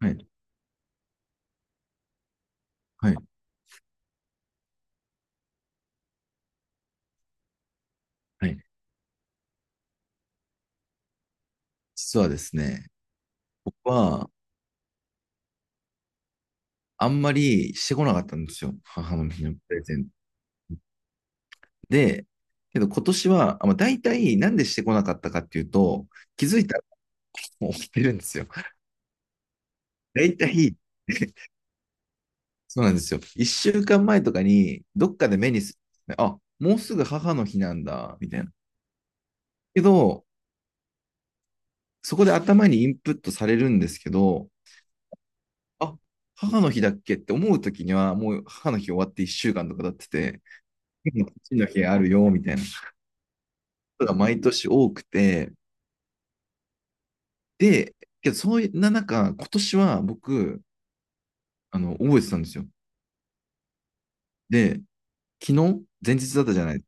はい。はい。はい。実はですね、僕はあんまりしてこなかったんですよ。母の日のプレゼント。で、けど今年は、大体なんでしてこなかったかっていうと、気づいたらもう起きてるんですよ。大体、そうなんですよ。1週間前とかに、どっかで目にする、あ、もうすぐ母の日なんだ、みたいな。けど、そこで頭にインプットされるんですけど、あ、母の日だっけって思うときには、もう母の日終わって一週間とか経ってて、父の土だあるよ、みたいなことが毎年多くて、で、けど、そんな中、今年は僕、覚えてたんですよ。で、昨日、前日だったじゃない。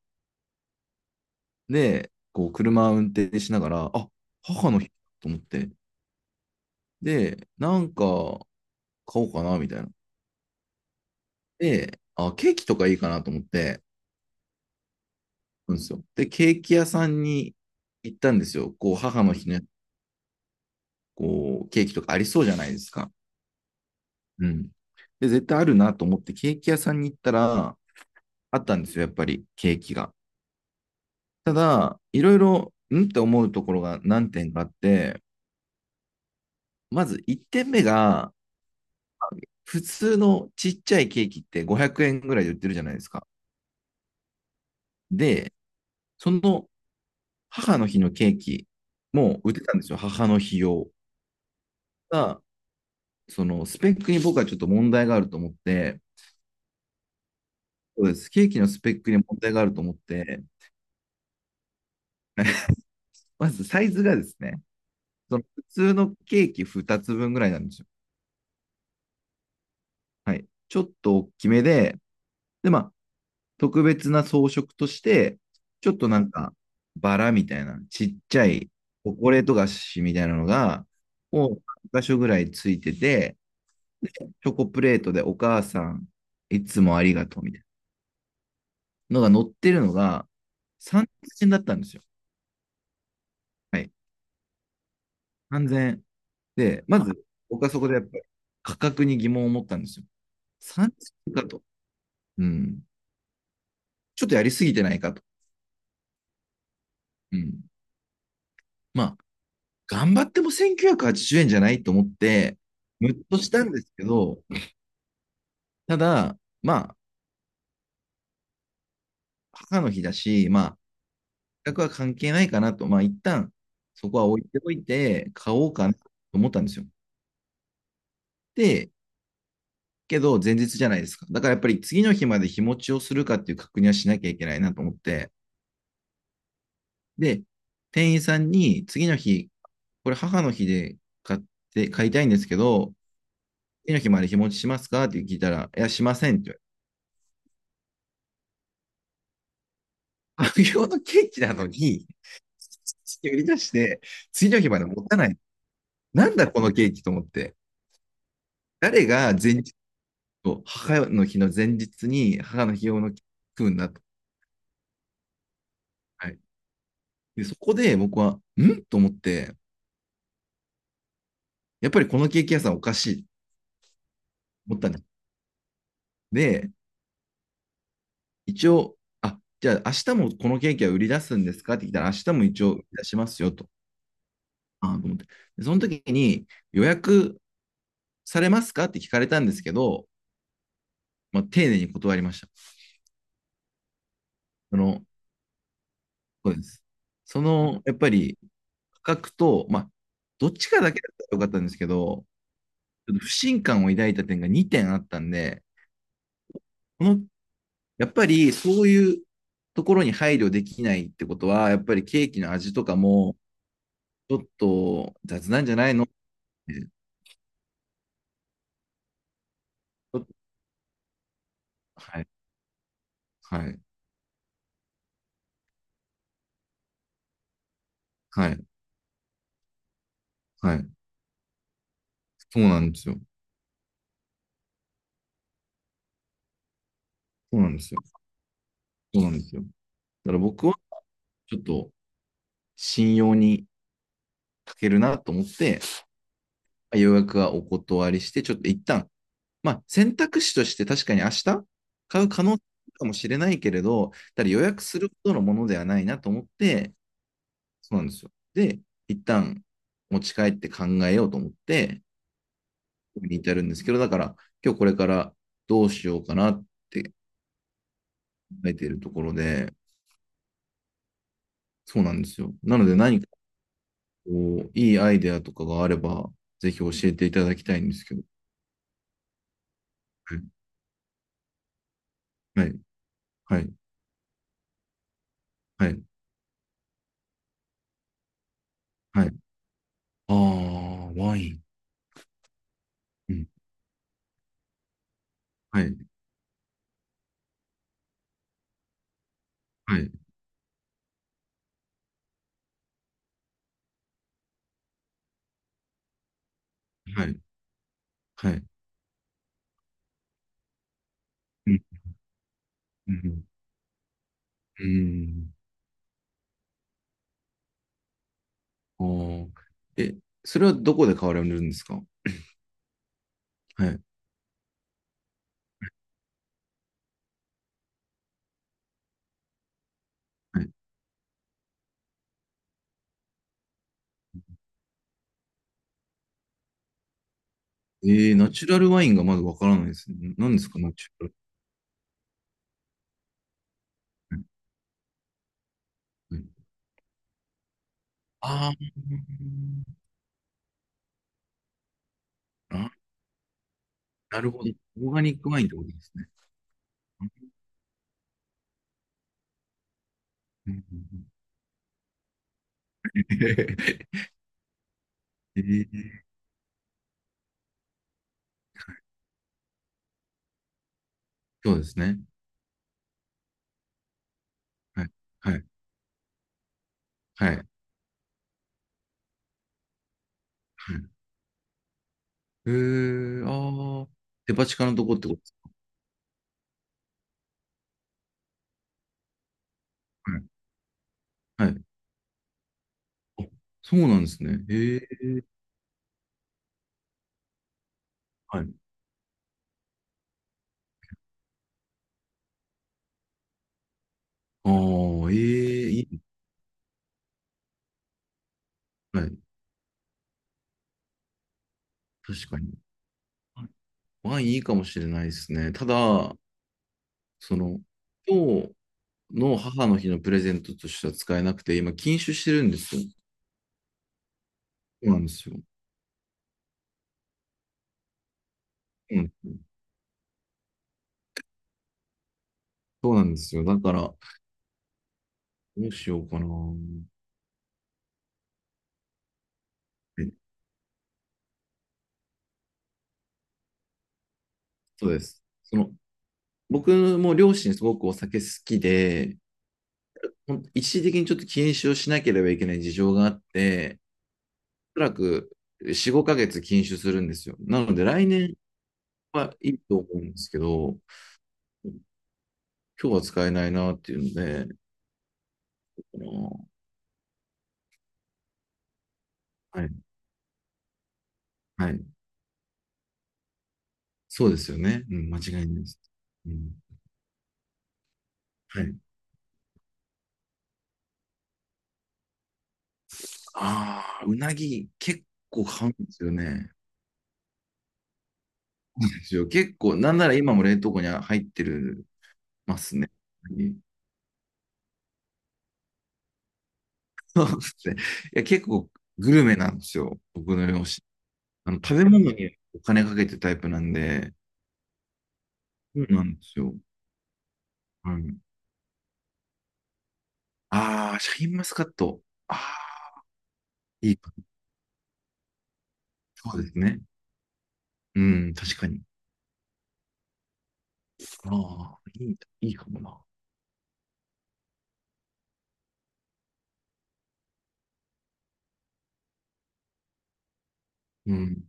で、こう、車を運転しながら、あ、母の日と思って、で、買おうかな、みたいな。で、あ、ケーキとかいいかなと思って、うんですよ。で、ケーキ屋さんに行ったんですよ。こう、母の日ね、こう、ケーキとかありそうじゃないですか。うん。で、絶対あるなと思って、ケーキ屋さんに行ったら、あったんですよ、やっぱり、ケーキが。ただ、いろいろ、んって思うところが何点かあって、まず1点目が、普通のちっちゃいケーキって500円ぐらいで売ってるじゃないですか。で、その母の日のケーキも売ってたんですよ、母の日用。が、そのスペックに僕はちょっと問題があると思って、そうです、ケーキのスペックに問題があると思って、まずサイズがですね、その普通のケーキ2つ分ぐらいなんですよ。はい。ちょっと大きめで、で、まあ、特別な装飾として、ちょっとなんか、バラみたいな、ちっちゃいチョコレート菓子みたいなのが、を2箇所ぐらいついてて、チョコプレートでお母さん、いつもありがとうみたいなのが載ってるのが、3,000円だったんですよ。はい。三千で、まず、僕はそこでやっぱり価格に疑問を持ったんですよ。三千0 0円かと。うん。ちょっとやりすぎてないかと。うん。まあ、頑張っても1,980円じゅうえんじゃないと思って、ムッとしたんですけど、ただ、まあ、母の日だし、まあ、額は関係ないかなと、まあ、一旦、そこは置いておいて、買おうかなと思ったんですよ。で、けど、前日じゃないですか。だからやっぱり次の日まで日持ちをするかっていう確認はしなきゃいけないなと思って、で、店員さんに次の日、これ母の日で買って、買いたいんですけど、次の日まで日持ちしますかって聞いたら、いや、しませんって言われて。無日のケーキなのに、売り出して、次の日まで持たない。なんだこのケーキと思って。誰が前日と母の日の前日に母の日用のケーキ食うんだと。はい、でそこで僕は、んと思って、やっぱりこのケーキ屋さんおかしいと思ったんです。で、一応、あ、じゃあ明日もこのケーキは売り出すんですかって聞いたら、明日も一応売り出しますよと。あと思って。で、その時に予約されますかって聞かれたんですけど、まあ、丁寧に断りました。その、そうです。その、やっぱり、価格と、まあ、どっちかだけだったらよかったんですけど、ちょっと不信感を抱いた点が2点あったんで、この、やっぱりそういうところに配慮できないってことは、やっぱりケーキの味とかも、ちょっと雑なんじゃないのって、ちょっとはい、はい、はい、はい。そうなんですよ。そうなんですよ。そうなんですよ。だから僕は、ちょっと信用に書けるなと思って、予約はお断りして、ちょっと一旦、まあ、選択肢として確かに明日買う可能性かもしれないけれど、ただ予約するほどのものではないなと思って、そうなんですよ。で、一旦持ち帰って考えようと思って、に至るんですけど、だから、今日これからどうしようかなって考えているところで、そうなんですよ。なので何かこう、いいアイデアとかがあれば、ぜひ教えていただきたいんですけど。はい、はい、はい、はい。はいああ、ワイン。うん。はい。はい。はい。はい。うん。うん。うんああ。え、それはどこで買われるんですか？はい。はい。えー、ナチュラルワインがまだわからないですね。何ですか、ナチュラルワイン。はいはいあーあ、なるほど。オーガニックワインってことですね。うんうんうん えーそうですね。はい。はい。はい。はいえー、ああ、デパ地下のとこってことですか？はい。あそうなんですね。ええはい。ああ、ええいい。はい。確かに。はいワインいいかもしれないですね。ただ、その、今日の母の日のプレゼントとしては使えなくて、今、禁酒してるんですよ。そうなんですよ。うん。そうなんですよ。だから、どうしようかな。えそうです。その、僕も両親すごくお酒好きで、一時的にちょっと禁酒をしなければいけない事情があって、おそらく4、5ヶ月禁酒するんですよ。なので来年はいいと思うんですけど、今日は使えないなっていうので、あのはい、はい、そうですよね。うん、間違いないです。うん、はい。ああ、うなぎ結構買うんですよね。ですよ結構、なんなら今も冷凍庫には入ってるますね。そうですね。いや、結構グルメなんですよ、僕の両親。あの食べ物にお金かけてるタイプなんで、そうなんですよ。はいああ、シャインマスカット。ああ、いいか。そうですね。うん、確かに。ああ、いい、いいかもな。うん、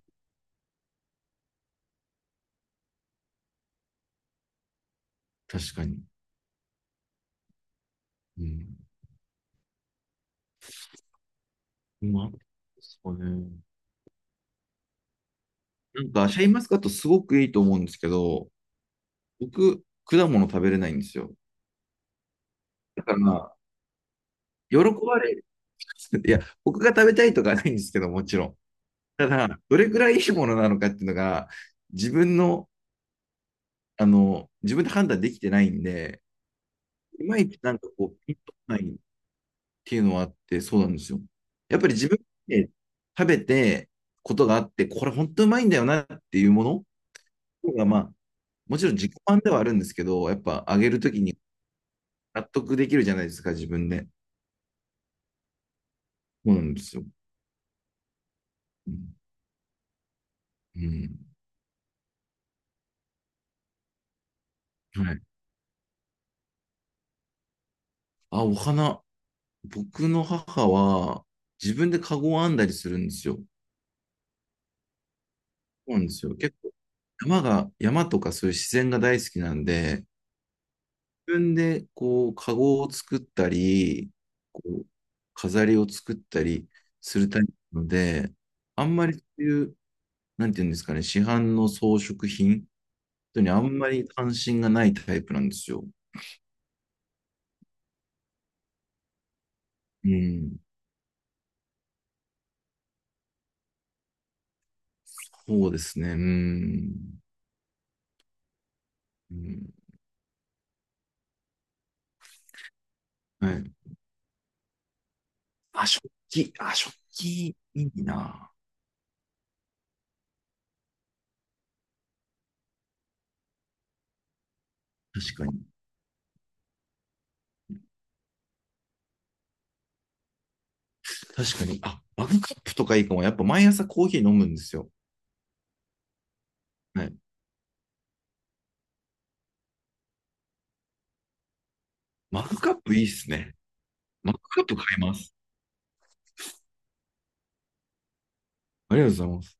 確かに。うん。まあ、そうね。シャインマスカットすごくいいと思うんですけど、僕、果物食べれないんですよ。だから、喜ばれる。いや、僕が食べたいとかはないんですけど、もちろん。ただ、どれくらいいいものなのかっていうのが、自分の、あの、自分で判断できてないんで、いまいちなんかこう、ピンとこないっていうのはあって、そうなんですよ。やっぱり自分でね食べてことがあって、これ本当うまいんだよなっていうものの方が、まあ、もちろん自己満ではあるんですけど、やっぱあげるときに納得できるじゃないですか、自分で。そうなんですよ。うん。うんはい。あ、お花。僕の母は自分でカゴを編んだりするんですよ。そうなんですよ。結構山とかそういう自然が大好きなんで、自分でこう、カゴを作ったり、こう、飾りを作ったりするタイプなので、あんまりそういう、なんていうんですかね、市販の装飾品とにあんまり関心がないタイプなんですよ。うん。そうですね。うん。うん、はい。あ、食器。あ、食器、いいな。確かに。確かに。あ、マグカップとかいいかも。やっぱ毎朝コーヒー飲むんですよ。はい。マグカップいいっすね。マグカップ買います。ありがとうございます。